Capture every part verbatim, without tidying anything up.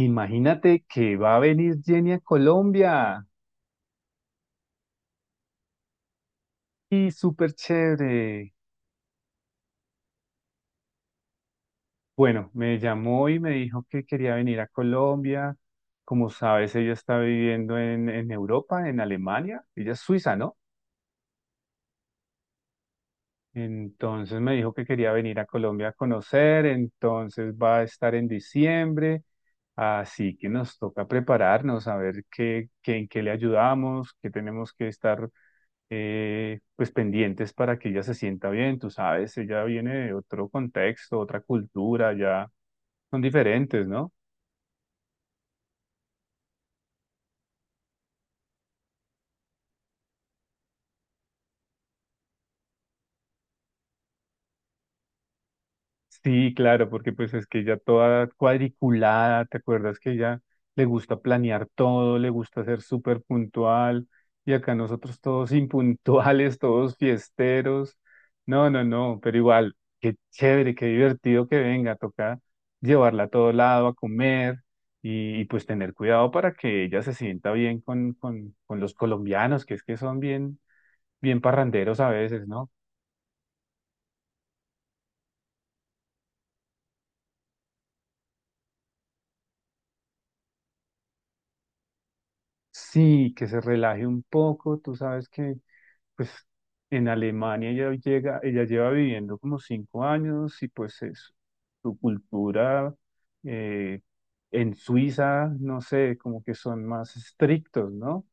Imagínate que va a venir Jenny a Colombia. Y súper chévere. Bueno, me llamó y me dijo que quería venir a Colombia. Como sabes, ella está viviendo en, en Europa, en Alemania. Ella es suiza, ¿no? Entonces me dijo que quería venir a Colombia a conocer, entonces va a estar en diciembre, así que nos toca prepararnos, a ver qué, qué- en qué le ayudamos, qué tenemos que estar eh, pues pendientes para que ella se sienta bien, tú sabes, ella viene de otro contexto, otra cultura, ya son diferentes, ¿no? Sí, claro, porque pues es que ella toda cuadriculada, ¿te acuerdas que ella le gusta planear todo, le gusta ser súper puntual? Y acá nosotros todos impuntuales, todos fiesteros. No, no, no, pero igual, qué chévere, qué divertido que venga, toca llevarla a todo lado a comer y, y, pues tener cuidado para que ella se sienta bien con, con, con los colombianos, que es que son bien, bien parranderos a veces, ¿no? Sí, que se relaje un poco, tú sabes que pues en Alemania ella llega, ella lleva viviendo como cinco años y pues es su cultura eh, en Suiza, no sé, como que son más estrictos, ¿no?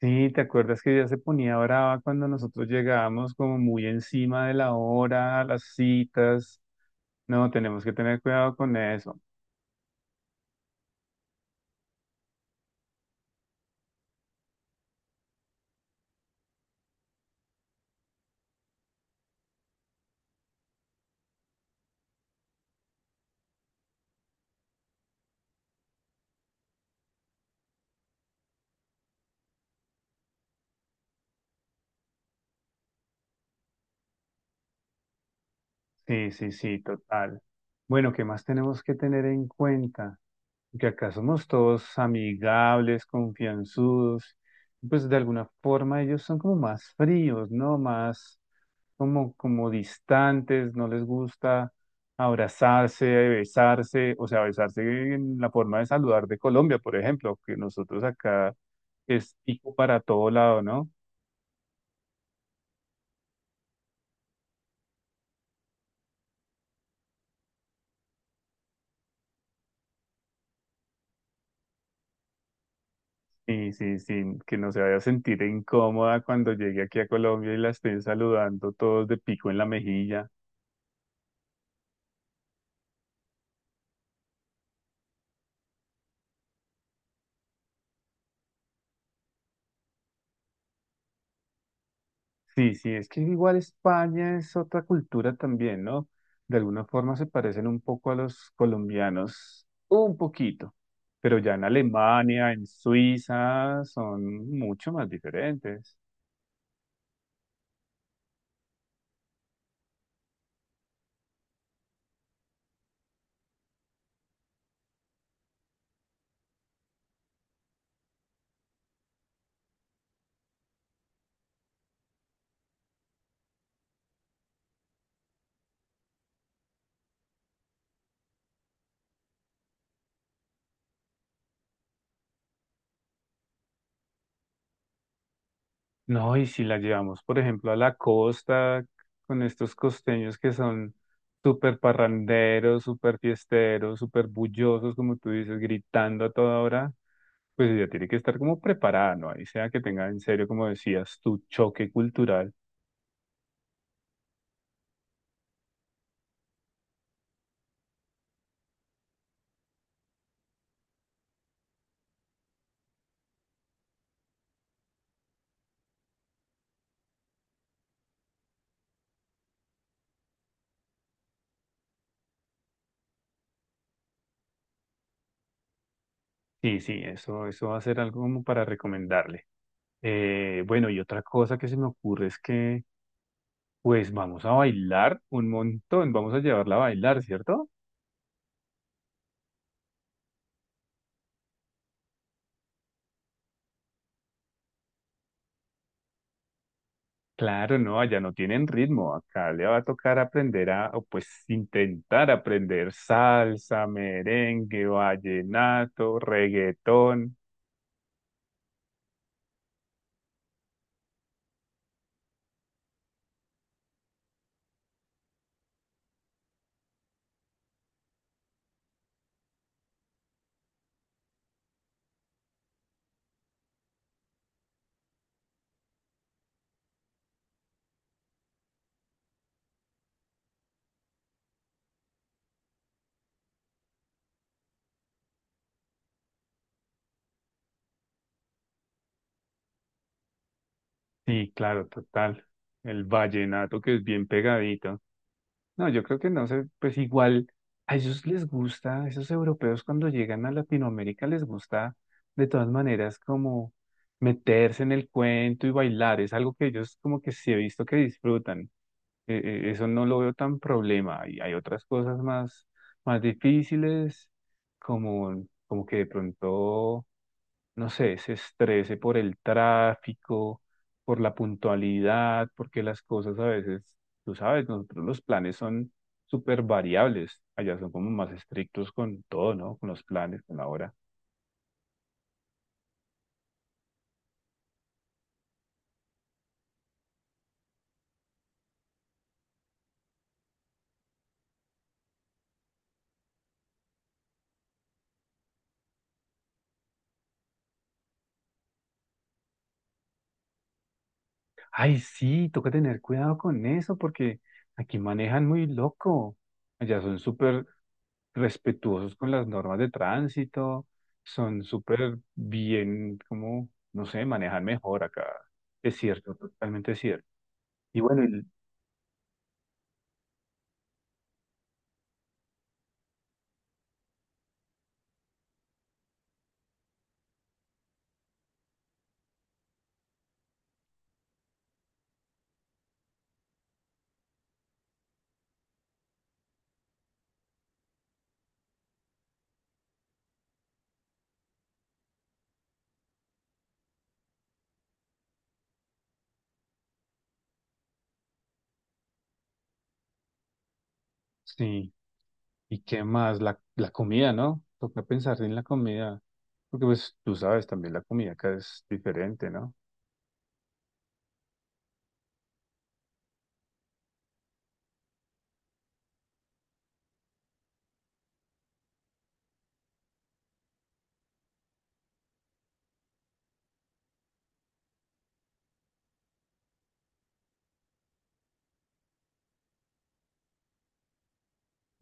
Sí, ¿te acuerdas que ella se ponía brava cuando nosotros llegábamos como muy encima de la hora, a las citas? No, tenemos que tener cuidado con eso. Sí, sí, sí, total. Bueno, ¿qué más tenemos que tener en cuenta? Que acá somos todos amigables, confianzudos, y pues de alguna forma ellos son como más fríos, ¿no? Más como, como distantes, no les gusta abrazarse, besarse, o sea, besarse en la forma de saludar de Colombia, por ejemplo, que nosotros acá es pico para todo lado, ¿no? Y sí, sí, que no se vaya a sentir incómoda cuando llegue aquí a Colombia y la estén saludando todos de pico en la mejilla. Sí, sí, es que igual España es otra cultura también, ¿no? De alguna forma se parecen un poco a los colombianos, un poquito, pero ya en Alemania, en Suiza, son mucho más diferentes. No, y si la llevamos, por ejemplo, a la costa con estos costeños que son súper parranderos, súper fiesteros, súper bullosos, como tú dices, gritando a toda hora, pues ella tiene que estar como preparada, ¿no? Ahí sea que tenga en serio, como decías, tu choque cultural. Sí, sí, eso, eso va a ser algo como para recomendarle. Eh, bueno, y otra cosa que se me ocurre es que, pues vamos a bailar un montón, vamos a llevarla a bailar, ¿cierto? Claro, no, allá no tienen ritmo. Acá le va a tocar aprender a, o pues intentar aprender salsa, merengue, vallenato, reggaetón. Sí, claro, total. El vallenato que es bien pegadito. No, yo creo que no sé, pues igual a ellos les gusta, a esos europeos cuando llegan a Latinoamérica les gusta de todas maneras como meterse en el cuento y bailar. Es algo que ellos como que sí he visto que disfrutan. Eh, eh, eso no lo veo tan problema. Y hay otras cosas más, más difíciles, como, como que de pronto, no sé, se estrese por el tráfico, por la puntualidad, porque las cosas a veces, tú sabes, nosotros los planes son súper variables. Allá son como más estrictos con todo, ¿no? Con los planes, con la hora. Ay, sí, toca tener cuidado con eso porque aquí manejan muy loco. Allá son súper respetuosos con las normas de tránsito, son súper bien, como, no sé, manejan mejor acá. Es cierto, totalmente cierto. Y bueno, el- sí, ¿y qué más? La, la comida, ¿no? Toca pensar en la comida, porque pues tú sabes, también la comida acá es diferente, ¿no?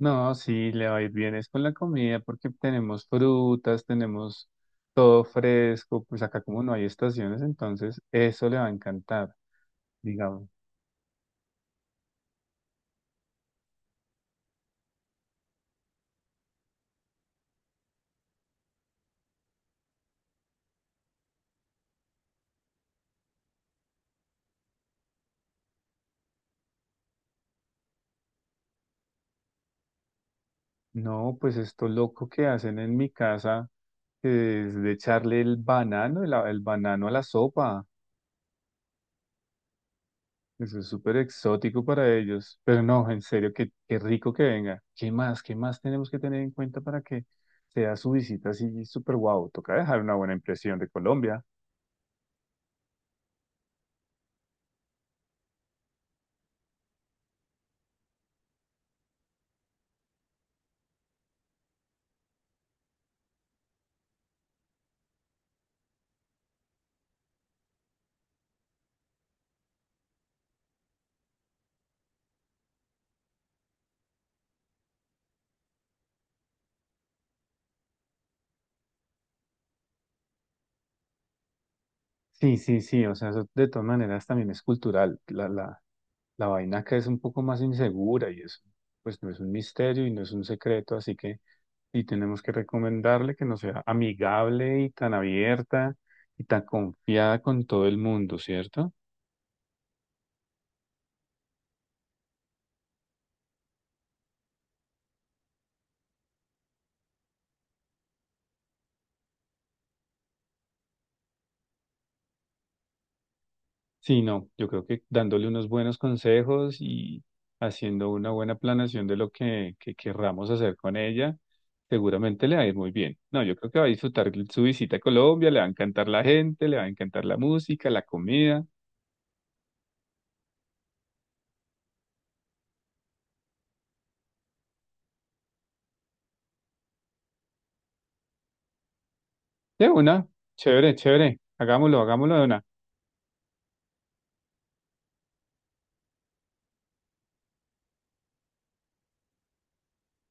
No, sí, le va a ir bien es con la comida porque tenemos frutas, tenemos todo fresco, pues acá como no hay estaciones, entonces eso le va a encantar, digamos. No, pues esto loco que hacen en mi casa es de echarle el banano, el, a- el banano a la sopa. Eso es súper exótico para ellos. Pero no, en serio, qué, qué rico que venga. ¿Qué más? ¿Qué más tenemos que tener en cuenta para que sea su visita así súper guau? Toca dejar una buena impresión de Colombia. Sí, sí, sí. O sea, eso de todas maneras también es cultural. La, la, la vaina acá es un poco más insegura y eso, pues no es un misterio y no es un secreto, así que. Y tenemos que recomendarle que no sea amigable y tan abierta y tan confiada con todo el mundo, ¿cierto? Sí, no, yo creo que dándole unos buenos consejos y haciendo una buena planeación de lo que, que querramos hacer con ella, seguramente le va a ir muy bien. No, yo creo que va a disfrutar su visita a Colombia, le va a encantar la gente, le va a encantar la música, la comida. De una, chévere, chévere, hagámoslo, hagámoslo de una.